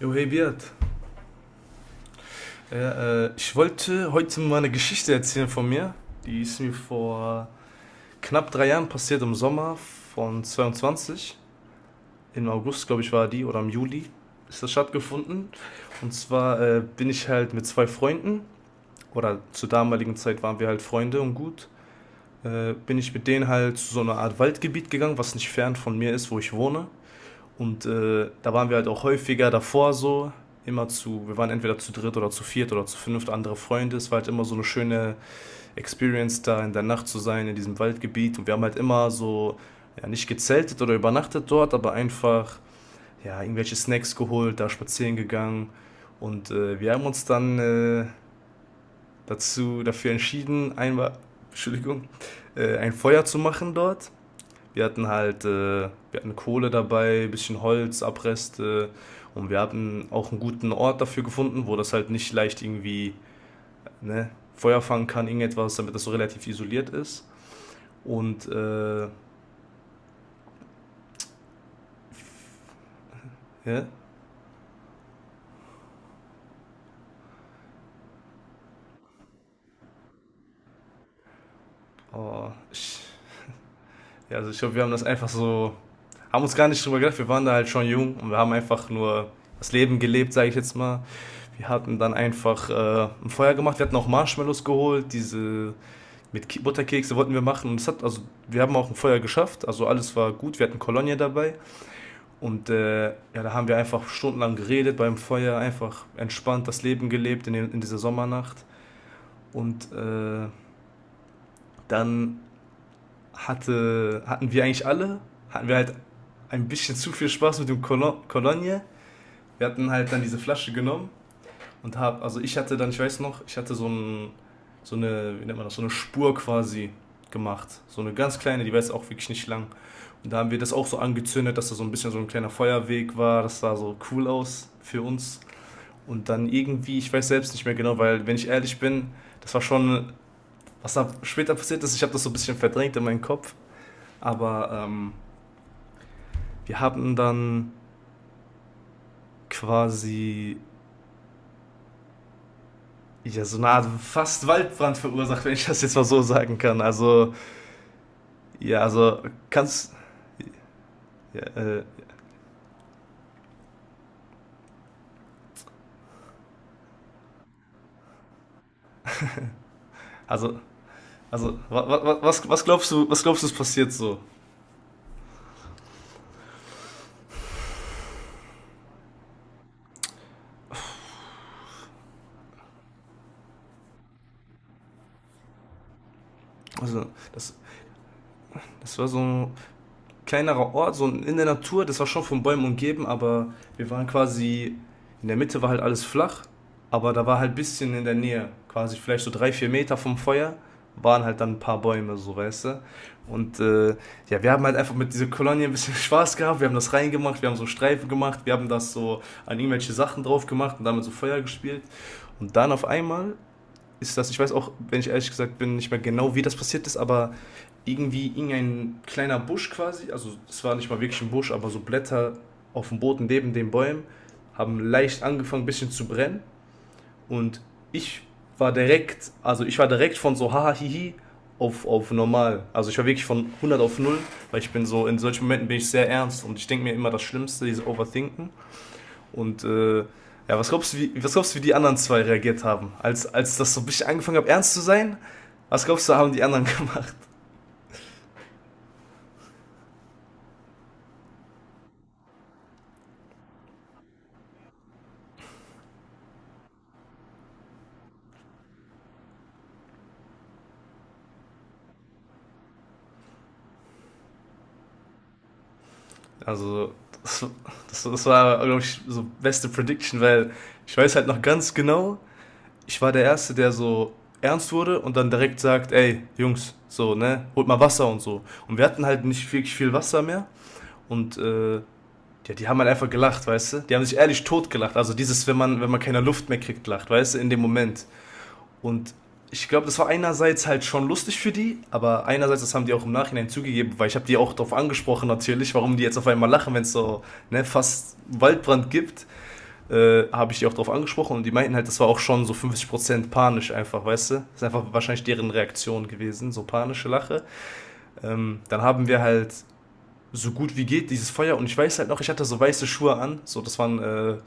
Jo, hey Beat. Ja, ich wollte heute mal eine Geschichte erzählen von mir. Die ist mir vor knapp drei Jahren passiert im Sommer von 22. Im August, glaube ich, war die oder im Juli ist das stattgefunden. Und zwar bin ich halt mit zwei Freunden, oder zur damaligen Zeit waren wir halt Freunde und gut, bin ich mit denen halt zu so einer Art Waldgebiet gegangen, was nicht fern von mir ist, wo ich wohne. Und da waren wir halt auch häufiger davor so, immer zu, wir waren entweder zu dritt oder zu viert oder zu fünft, andere Freunde. Es war halt immer so eine schöne Experience da in der Nacht zu sein, in diesem Waldgebiet. Und wir haben halt immer so, ja, nicht gezeltet oder übernachtet dort, aber einfach, ja, irgendwelche Snacks geholt, da spazieren gegangen. Und wir haben uns dann dafür entschieden, einmal, Entschuldigung, ein Feuer zu machen dort. Wir hatten halt, wir hatten Kohle dabei, ein bisschen Holz, Abreste und wir hatten auch einen guten Ort dafür gefunden, wo das halt nicht leicht irgendwie ne, Feuer fangen kann, irgendetwas, damit das so relativ isoliert ist. Und ja, oh, ich, ja, also ich glaube, wir haben das einfach so, haben uns gar nicht drüber gedacht, wir waren da halt schon jung und wir haben einfach nur das Leben gelebt, sage ich jetzt mal. Wir hatten dann einfach ein Feuer gemacht, wir hatten auch Marshmallows geholt, diese Butterkekse wollten wir machen und es hat, also wir haben auch ein Feuer geschafft, also alles war gut, wir hatten Kolonie dabei und ja, da haben wir einfach stundenlang geredet beim Feuer, einfach entspannt das Leben gelebt in, den, in dieser Sommernacht und dann hatten wir eigentlich alle, hatten wir halt ein bisschen zu viel Spaß mit dem Kolonie, wir hatten halt dann diese Flasche genommen. Und hab, also ich hatte dann, ich weiß noch, ich hatte so, ein, so eine, wie nennt man das, so eine Spur quasi gemacht. So eine ganz kleine, die war jetzt auch wirklich nicht lang. Und da haben wir das auch so angezündet, dass da so ein bisschen so ein kleiner Feuerweg war. Das sah so cool aus für uns. Und dann irgendwie, ich weiß selbst nicht mehr genau, weil wenn ich ehrlich bin, das war schon, was da später passiert ist, ich habe das so ein bisschen verdrängt in meinem Kopf. Aber wir haben dann quasi ja, so eine Art fast Waldbrand verursacht, wenn ich das jetzt mal so sagen kann. Also ja, also kannst. Ja, also, was, was glaubst du, ist passiert so? Also, das, das war so, kleinerer Ort, so in der Natur. Das war schon von Bäumen umgeben, aber wir waren quasi, in der Mitte war halt alles flach, aber da war halt ein bisschen in der Nähe, quasi vielleicht so drei, vier Meter vom Feuer, waren halt dann ein paar Bäume, so weißt du. Und ja, wir haben halt einfach mit dieser Kolonie ein bisschen Spaß gehabt. Wir haben das reingemacht, wir haben so Streifen gemacht, wir haben das so an irgendwelche Sachen drauf gemacht und damit so Feuer gespielt. Und dann auf einmal ist das. Ich weiß auch, wenn ich ehrlich gesagt bin, nicht mehr genau, wie das passiert ist, aber irgendwie irgendein kleiner Busch quasi, also es war nicht mal wirklich ein Busch, aber so Blätter auf dem Boden neben den Bäumen haben leicht angefangen, ein bisschen zu brennen. Und ich war direkt, also ich war direkt von so haha hihi auf normal. Also ich war wirklich von hundert auf null, weil ich bin so, in solchen Momenten bin ich sehr ernst und ich denke mir immer das Schlimmste, dieses Overthinken. Und ja, was glaubst du, wie die anderen zwei reagiert haben? Als, als das so ein bisschen angefangen hat, ernst zu sein, was glaubst du, haben die anderen gemacht? Also, das, das war, glaube ich, so beste Prediction, weil ich weiß halt noch ganz genau, ich war der Erste, der so ernst wurde und dann direkt sagt, ey, Jungs, so, ne, holt mal Wasser und so. Und wir hatten halt nicht wirklich viel Wasser mehr und, ja, die haben halt einfach gelacht, weißt du? Die haben sich ehrlich tot gelacht. Also dieses, wenn man, wenn man keine Luft mehr kriegt, lacht, weißt du, in dem Moment. Und ich glaube, das war einerseits halt schon lustig für die, aber einerseits, das haben die auch im Nachhinein zugegeben, weil ich habe die auch darauf angesprochen natürlich, warum die jetzt auf einmal lachen, wenn es so ne, fast Waldbrand gibt, habe ich die auch darauf angesprochen und die meinten halt, das war auch schon so 50% panisch einfach, weißt du? Das ist einfach wahrscheinlich deren Reaktion gewesen, so panische Lache. Dann haben wir halt so gut wie geht, dieses Feuer. Und ich weiß halt noch, ich hatte so weiße Schuhe an. So, das waren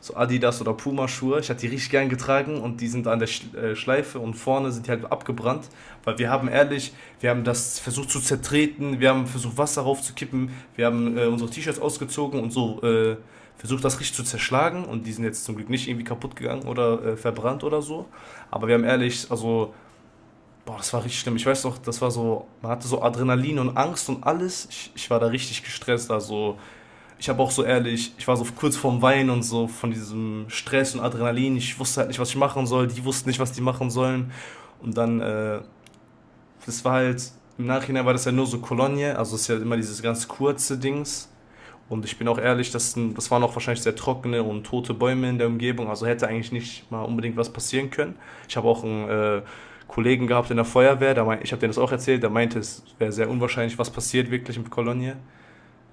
so Adidas oder Puma-Schuhe. Ich hatte die richtig gern getragen und die sind an der Schleife und vorne sind die halt abgebrannt. Weil wir haben ehrlich, wir haben das versucht zu zertreten, wir haben versucht Wasser raufzukippen, wir haben unsere T-Shirts ausgezogen und so versucht das richtig zu zerschlagen. Und die sind jetzt zum Glück nicht irgendwie kaputt gegangen oder verbrannt oder so. Aber wir haben ehrlich, also boah, das war richtig schlimm. Ich weiß noch, das war so, man hatte so Adrenalin und Angst und alles. Ich war da richtig gestresst. Also, ich habe auch so ehrlich, ich war so kurz vorm Weinen und so von diesem Stress und Adrenalin. Ich wusste halt nicht, was ich machen soll. Die wussten nicht, was die machen sollen. Und dann, das war halt, im Nachhinein war das ja nur so Kolonie. Also, es ist ja immer dieses ganz kurze Dings. Und ich bin auch ehrlich, das waren auch wahrscheinlich sehr trockene und tote Bäume in der Umgebung, also hätte eigentlich nicht mal unbedingt was passieren können. Ich habe auch einen Kollegen gehabt in der Feuerwehr, der mein, ich habe denen das auch erzählt, der meinte, es wäre sehr unwahrscheinlich, was passiert wirklich in Kolonie.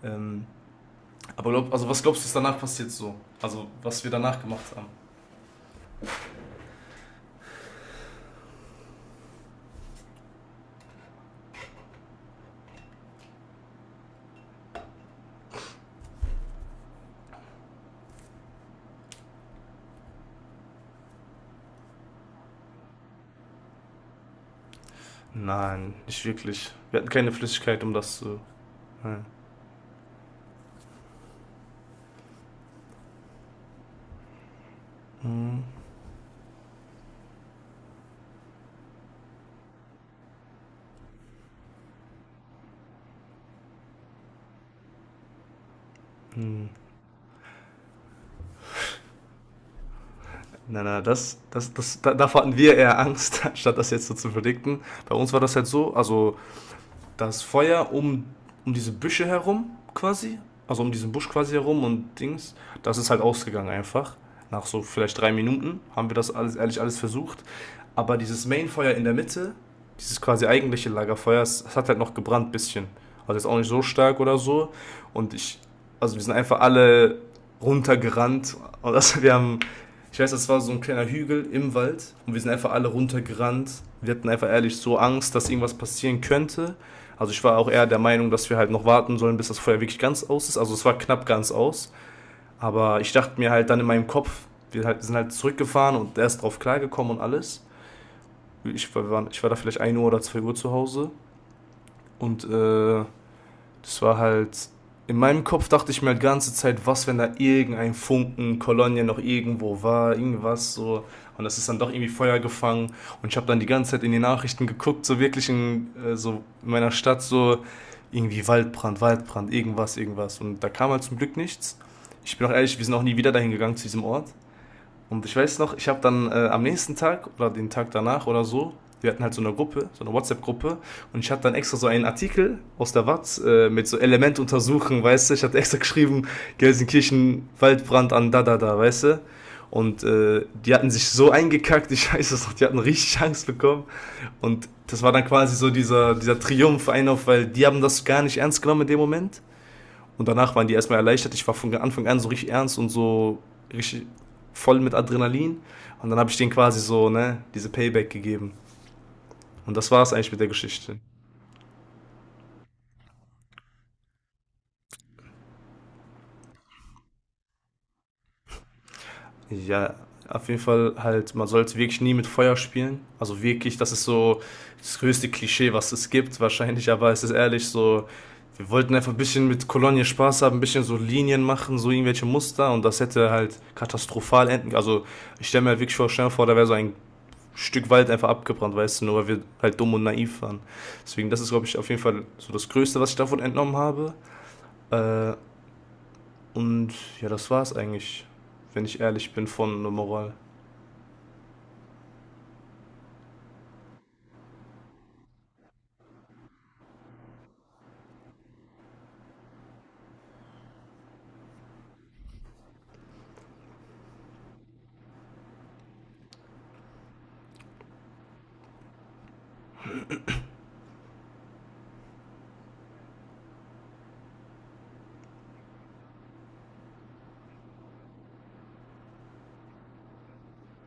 Ähm, aber glaub, also was glaubst du, ist danach passiert so? Also was wir danach gemacht haben? Nein, nicht wirklich. Wir hatten keine Flüssigkeit, um das zu... Nein. Davor hatten wir eher Angst, anstatt das jetzt so zu verdikten. Bei uns war das halt so, also das Feuer um, um diese Büsche herum quasi, also um diesen Busch quasi herum und Dings, das ist halt ausgegangen einfach. Nach so vielleicht drei Minuten haben wir das alles, ehrlich alles versucht. Aber dieses Mainfeuer in der Mitte, dieses quasi eigentliche Lagerfeuer, es hat halt noch gebrannt ein bisschen. Also jetzt auch nicht so stark oder so. Und ich, also wir sind einfach alle runtergerannt. Und das, wir haben, ich weiß, das war so ein kleiner Hügel im Wald. Und wir sind einfach alle runtergerannt. Wir hatten einfach ehrlich so Angst, dass irgendwas passieren könnte. Also ich war auch eher der Meinung, dass wir halt noch warten sollen, bis das Feuer wirklich ganz aus ist. Also es war knapp ganz aus. Aber ich dachte mir halt dann in meinem Kopf, wir halt, sind halt zurückgefahren und erst drauf klargekommen und alles. Ich war da vielleicht ein Uhr oder 2 Uhr zu Hause. Und das war halt. In meinem Kopf dachte ich mir halt die ganze Zeit, was, wenn da irgendein Funken, Kolonia noch irgendwo war, irgendwas so. Und das ist dann doch irgendwie Feuer gefangen. Und ich habe dann die ganze Zeit in die Nachrichten geguckt, so wirklich in, so in meiner Stadt, so irgendwie Waldbrand, Waldbrand, irgendwas, irgendwas. Und da kam halt zum Glück nichts. Ich bin auch ehrlich, wir sind auch nie wieder dahin gegangen zu diesem Ort. Und ich weiß noch, ich habe dann am nächsten Tag oder den Tag danach oder so, wir hatten halt so eine Gruppe, so eine WhatsApp-Gruppe und ich hatte dann extra so einen Artikel aus der Watz mit so Element untersuchen, weißt du, ich hatte extra geschrieben, Gelsenkirchen, Waldbrand an da da da, weißt du. Und die hatten sich so eingekackt, ich weiß es noch, die hatten richtig Angst bekommen. Und das war dann quasi so dieser, dieser Triumph ein auf, weil die haben das gar nicht ernst genommen in dem Moment. Und danach waren die erstmal erleichtert. Ich war von Anfang an so richtig ernst und so richtig voll mit Adrenalin. Und dann habe ich denen quasi so, ne, diese Payback gegeben. Und das war es eigentlich mit der Geschichte. Ja, auf jeden Fall halt, man sollte wirklich nie mit Feuer spielen. Also wirklich, das ist so das größte Klischee, was es gibt, wahrscheinlich, aber es ist ehrlich so, wir wollten einfach ein bisschen mit Kolonie Spaß haben, ein bisschen so Linien machen, so irgendwelche Muster und das hätte halt katastrophal enden. Also ich stelle mir halt wirklich vor, stell mir vor, da wäre so ein Stück Wald einfach abgebrannt, weißt du, nur weil wir halt dumm und naiv waren. Deswegen, das ist, glaube ich, auf jeden Fall so das Größte, was ich davon entnommen habe. Äh, und ja, das war's eigentlich, wenn ich ehrlich bin, von der Moral.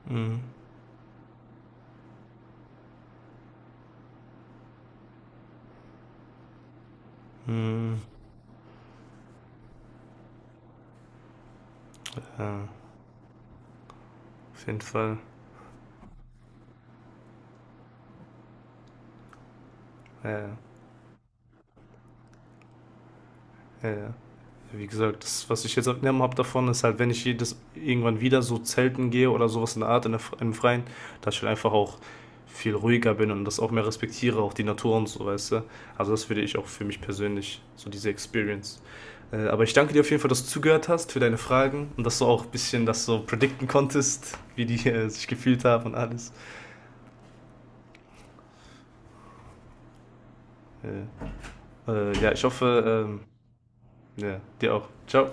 Mhm. Mhm. Ja, auf jeden Fall. Ja, ja, ja. Ja. Wie gesagt, das, was ich jetzt abgenommen habe davon, ist halt, wenn ich jedes irgendwann wieder so zelten gehe oder sowas in der Art, in der, im Freien, dass ich halt einfach auch viel ruhiger bin und das auch mehr respektiere, auch die Natur und so, weißt du. Also das würde ich auch für mich persönlich, so diese Experience. Aber ich danke dir auf jeden Fall, dass du zugehört hast für deine Fragen und dass du auch ein bisschen das so predikten konntest, wie die sich gefühlt haben und alles. Äh, ja, ich hoffe, ja, dir auch. Ciao.